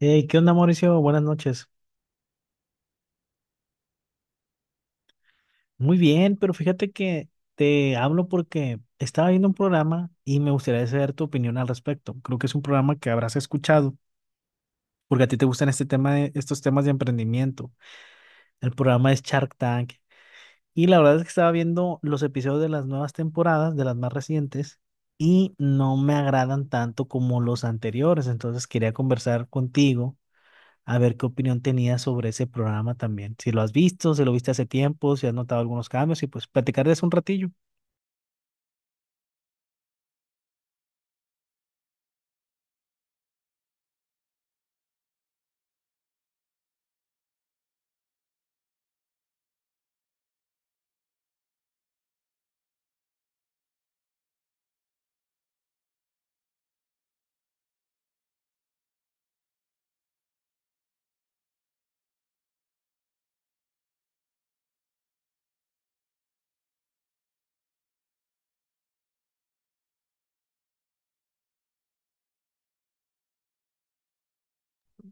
Hey, ¿qué onda, Mauricio? Buenas noches. Muy bien, pero fíjate que te hablo porque estaba viendo un programa y me gustaría saber tu opinión al respecto. Creo que es un programa que habrás escuchado porque a ti te gustan este tema de, estos temas de emprendimiento. El programa es Shark Tank y la verdad es que estaba viendo los episodios de las nuevas temporadas, de las más recientes, y no me agradan tanto como los anteriores. Entonces quería conversar contigo a ver qué opinión tenías sobre ese programa también. Si lo has visto, si lo viste hace tiempo, si has notado algunos cambios y pues platicar de eso un ratillo.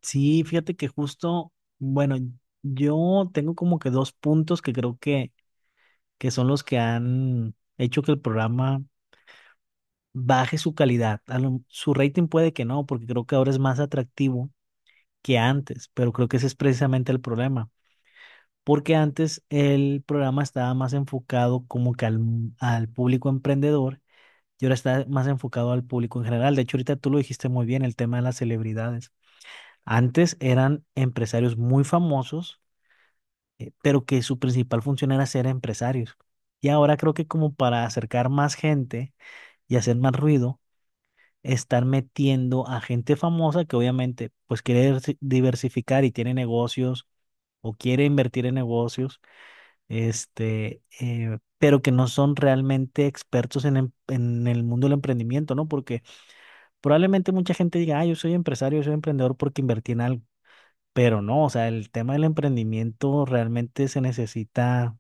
Sí, fíjate que justo, bueno, yo tengo como que dos puntos que creo que son los que han hecho que el programa baje su calidad. A lo- su rating puede que no, porque creo que ahora es más atractivo que antes, pero creo que ese es precisamente el problema. Porque antes el programa estaba más enfocado como que al público emprendedor y ahora está más enfocado al público en general. De hecho, ahorita tú lo dijiste muy bien, el tema de las celebridades. Antes eran empresarios muy famosos, pero que su principal función era ser empresarios. Y ahora creo que como para acercar más gente y hacer más ruido, están metiendo a gente famosa que obviamente pues quiere diversi- diversificar y tiene negocios o quiere invertir en negocios, pero que no son realmente expertos en, em- en el mundo del emprendimiento, ¿no? Porque probablemente mucha gente diga, ah, yo soy empresario, yo soy emprendedor porque invertí en algo, pero no, o sea, el tema del emprendimiento realmente se necesita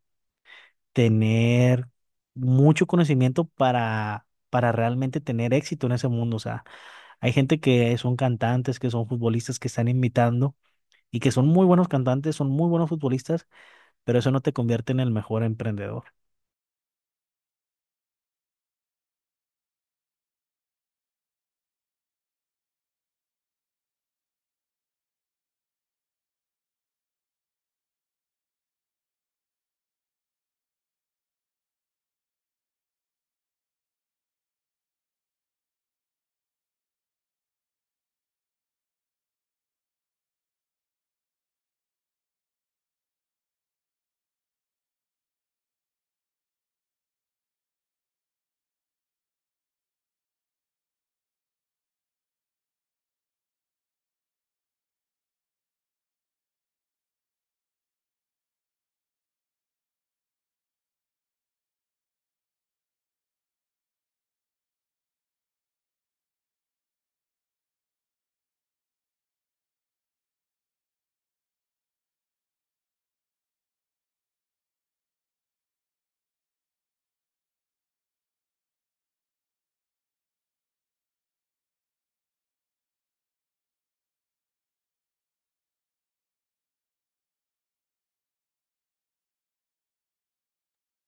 tener mucho conocimiento para realmente tener éxito en ese mundo. O sea, hay gente que son cantantes, que son futbolistas, que están imitando y que son muy buenos cantantes, son muy buenos futbolistas, pero eso no te convierte en el mejor emprendedor.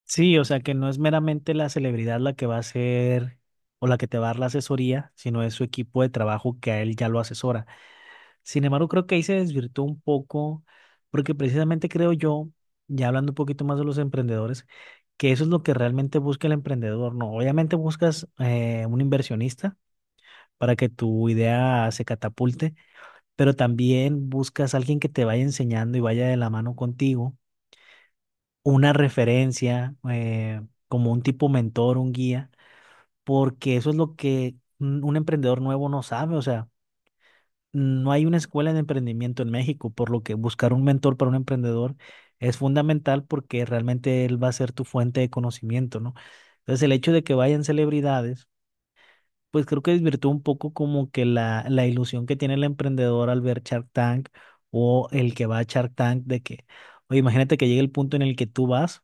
Sí, o sea que no es meramente la celebridad la que va a hacer o la que te va a dar la asesoría, sino es su equipo de trabajo que a él ya lo asesora. Sin embargo, creo que ahí se desvirtuó un poco, porque precisamente creo yo, ya hablando un poquito más de los emprendedores, que eso es lo que realmente busca el emprendedor, ¿no? Obviamente buscas un inversionista para que tu idea se catapulte, pero también buscas a alguien que te vaya enseñando y vaya de la mano contigo una referencia, como un tipo mentor, un guía, porque eso es lo que un emprendedor nuevo no sabe. O sea, no hay una escuela de emprendimiento en México, por lo que buscar un mentor para un emprendedor es fundamental porque realmente él va a ser tu fuente de conocimiento, ¿no? Entonces, el hecho de que vayan celebridades, pues creo que desvirtúa un poco como que la ilusión que tiene el emprendedor al ver Shark Tank o el que va a Shark Tank de que, oye, imagínate que llegue el punto en el que tú vas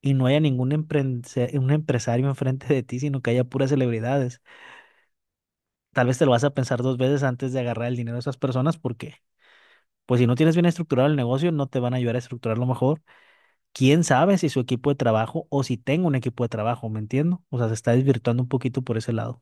y no haya ningún emprendse- un empresario enfrente de ti, sino que haya puras celebridades. Tal vez te lo vas a pensar dos veces antes de agarrar el dinero de esas personas porque, pues si no tienes bien estructurado el negocio, no te van a ayudar a estructurarlo mejor. ¿Quién sabe si su equipo de trabajo o si tengo un equipo de trabajo, ¿me entiendo? O sea, se está desvirtuando un poquito por ese lado.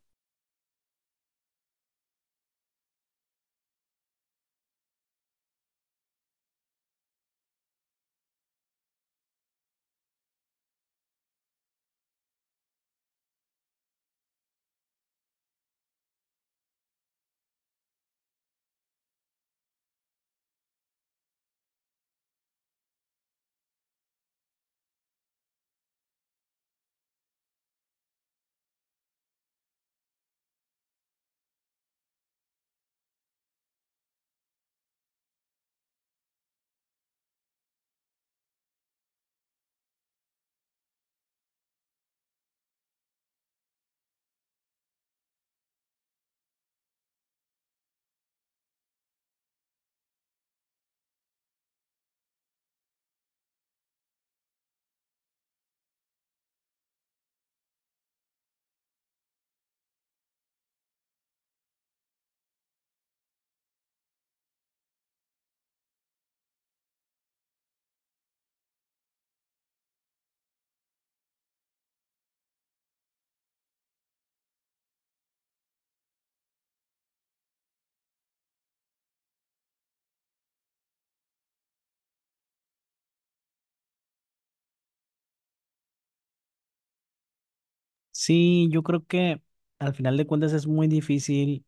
Sí, yo creo que al final de cuentas es muy difícil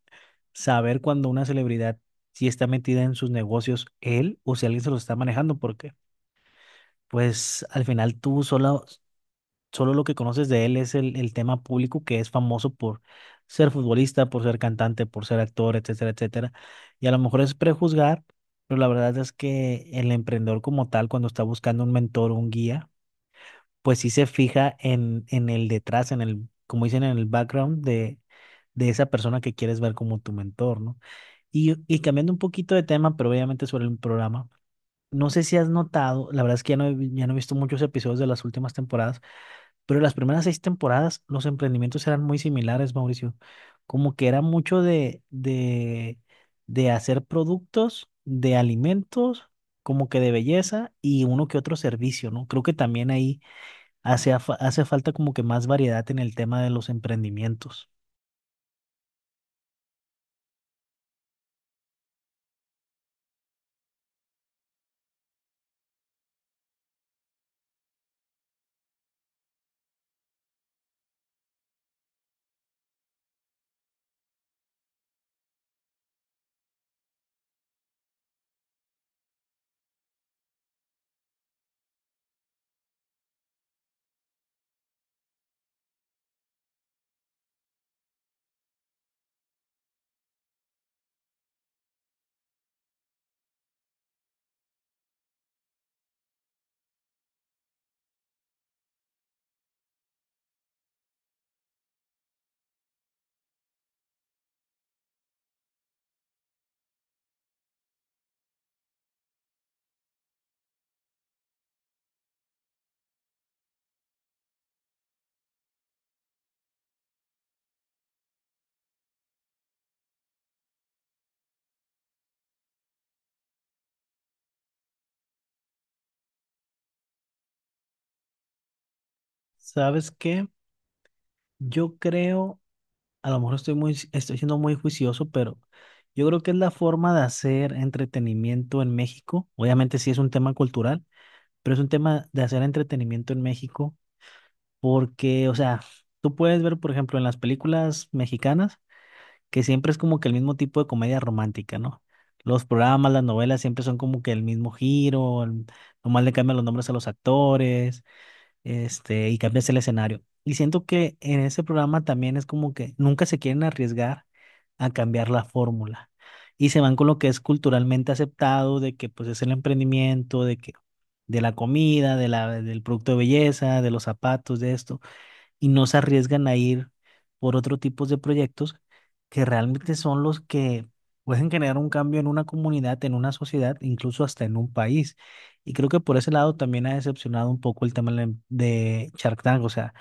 saber cuando una celebridad si está metida en sus negocios él o si alguien se lo está manejando porque… Pues al final tú solo, solo lo que conoces de él es el tema público, que es famoso por ser futbolista, por ser cantante, por ser actor, etcétera, etcétera. Y a lo mejor es prejuzgar, pero la verdad es que el emprendedor como tal, cuando está buscando un mentor, o un guía, pues sí se fija en el detrás, en el, como dicen, en el background de esa persona que quieres ver como tu mentor, ¿no? Y cambiando un poquito de tema, pero obviamente sobre el programa, no sé si has notado, la verdad es que ya no he, vi- ya no he visto muchos episodios de las últimas temporadas, pero las primeras seis temporadas los emprendimientos eran muy similares, Mauricio. Como que era mucho de hacer productos, de alimentos, como que de belleza y uno que otro servicio, ¿no? Creo que también ahí hace, afa- hace falta como que más variedad en el tema de los emprendimientos. ¿Sabes qué? Yo creo, a lo mejor estoy muy, estoy siendo muy juicioso, pero yo creo que es la forma de hacer entretenimiento en México. Obviamente sí es un tema cultural, pero es un tema de hacer entretenimiento en México, porque, o sea, tú puedes ver, por ejemplo, en las películas mexicanas, que siempre es como que el mismo tipo de comedia romántica, ¿no? Los programas, las novelas siempre son como que el mismo giro, el- nomás le cambian los nombres a los actores, y cambias el escenario. Y siento que en ese programa también es como que nunca se quieren arriesgar a cambiar la fórmula y se van con lo que es culturalmente aceptado, de que pues es el emprendimiento, de que de la comida, de la, del producto de belleza, de los zapatos, de esto, y no se arriesgan a ir por otro tipo de proyectos que realmente son los que pueden generar un cambio en una comunidad, en una sociedad, incluso hasta en un país. Y creo que por ese lado también ha decepcionado un poco el tema de Shark Tank, o sea,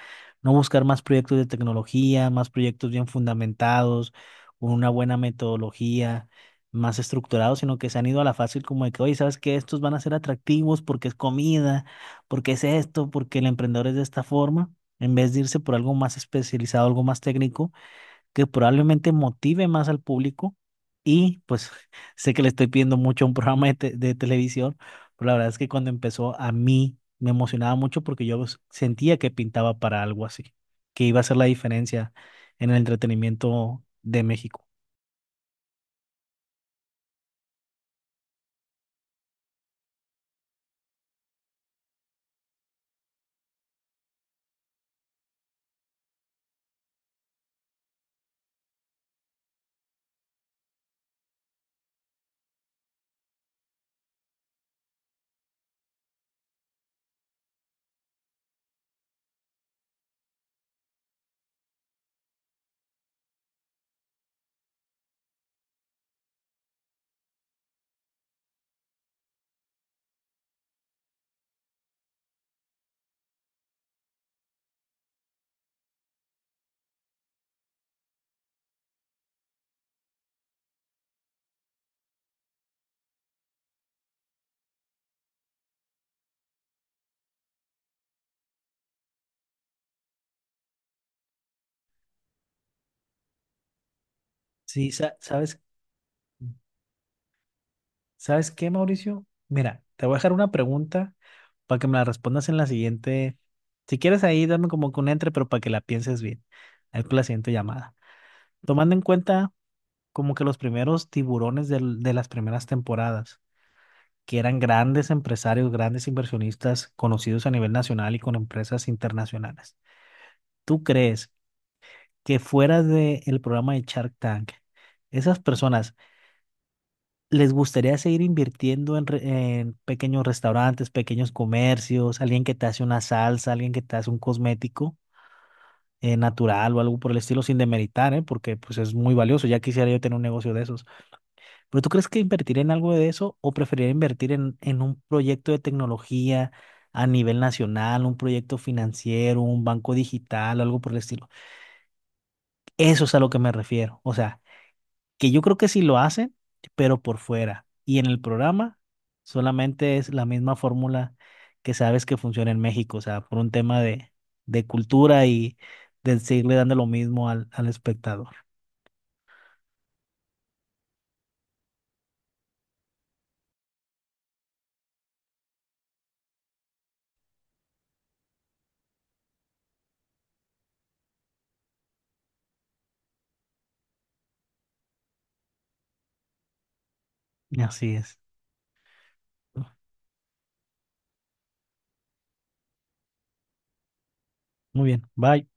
no buscar más proyectos de tecnología, más proyectos bien fundamentados, con una buena metodología, más estructurados, sino que se han ido a la fácil como de que, oye, ¿sabes qué? Estos van a ser atractivos porque es comida, porque es esto, porque el emprendedor es de esta forma, en vez de irse por algo más especializado, algo más técnico, que probablemente motive más al público. Y pues sé que le estoy pidiendo mucho a un programa de, te- de televisión, pero la verdad es que cuando empezó a mí me emocionaba mucho porque yo s- sentía que pintaba para algo así, que iba a ser la diferencia en el entretenimiento de México. Sí, sa- ¿sabes? ¿Sabes qué, Mauricio? Mira, te voy a dejar una pregunta para que me la respondas en la siguiente. Si quieres ahí, dame como que un entre, pero para que la pienses bien. Ahí con la siguiente llamada. Tomando en cuenta como que los primeros tiburones del- de las primeras temporadas, que eran grandes empresarios, grandes inversionistas conocidos a nivel nacional y con empresas internacionales. ¿Tú crees que fuera del programa de Shark Tank, esas personas les gustaría seguir invirtiendo en, re- en pequeños restaurantes, pequeños comercios, alguien que te hace una salsa, alguien que te hace un cosmético natural o algo por el estilo, sin demeritar, ¿eh? Porque pues es muy valioso, ya quisiera yo tener un negocio de esos. ¿Pero tú crees que invertir en algo de eso o preferiría invertir en un proyecto de tecnología a nivel nacional, un proyecto financiero, un banco digital, algo por el estilo? Eso es a lo que me refiero. O sea… que yo creo que sí lo hacen, pero por fuera. Y en el programa solamente es la misma fórmula que sabes que funciona en México, o sea, por un tema de cultura y de seguirle dando lo mismo al, al espectador. Así es. Muy bien, bye.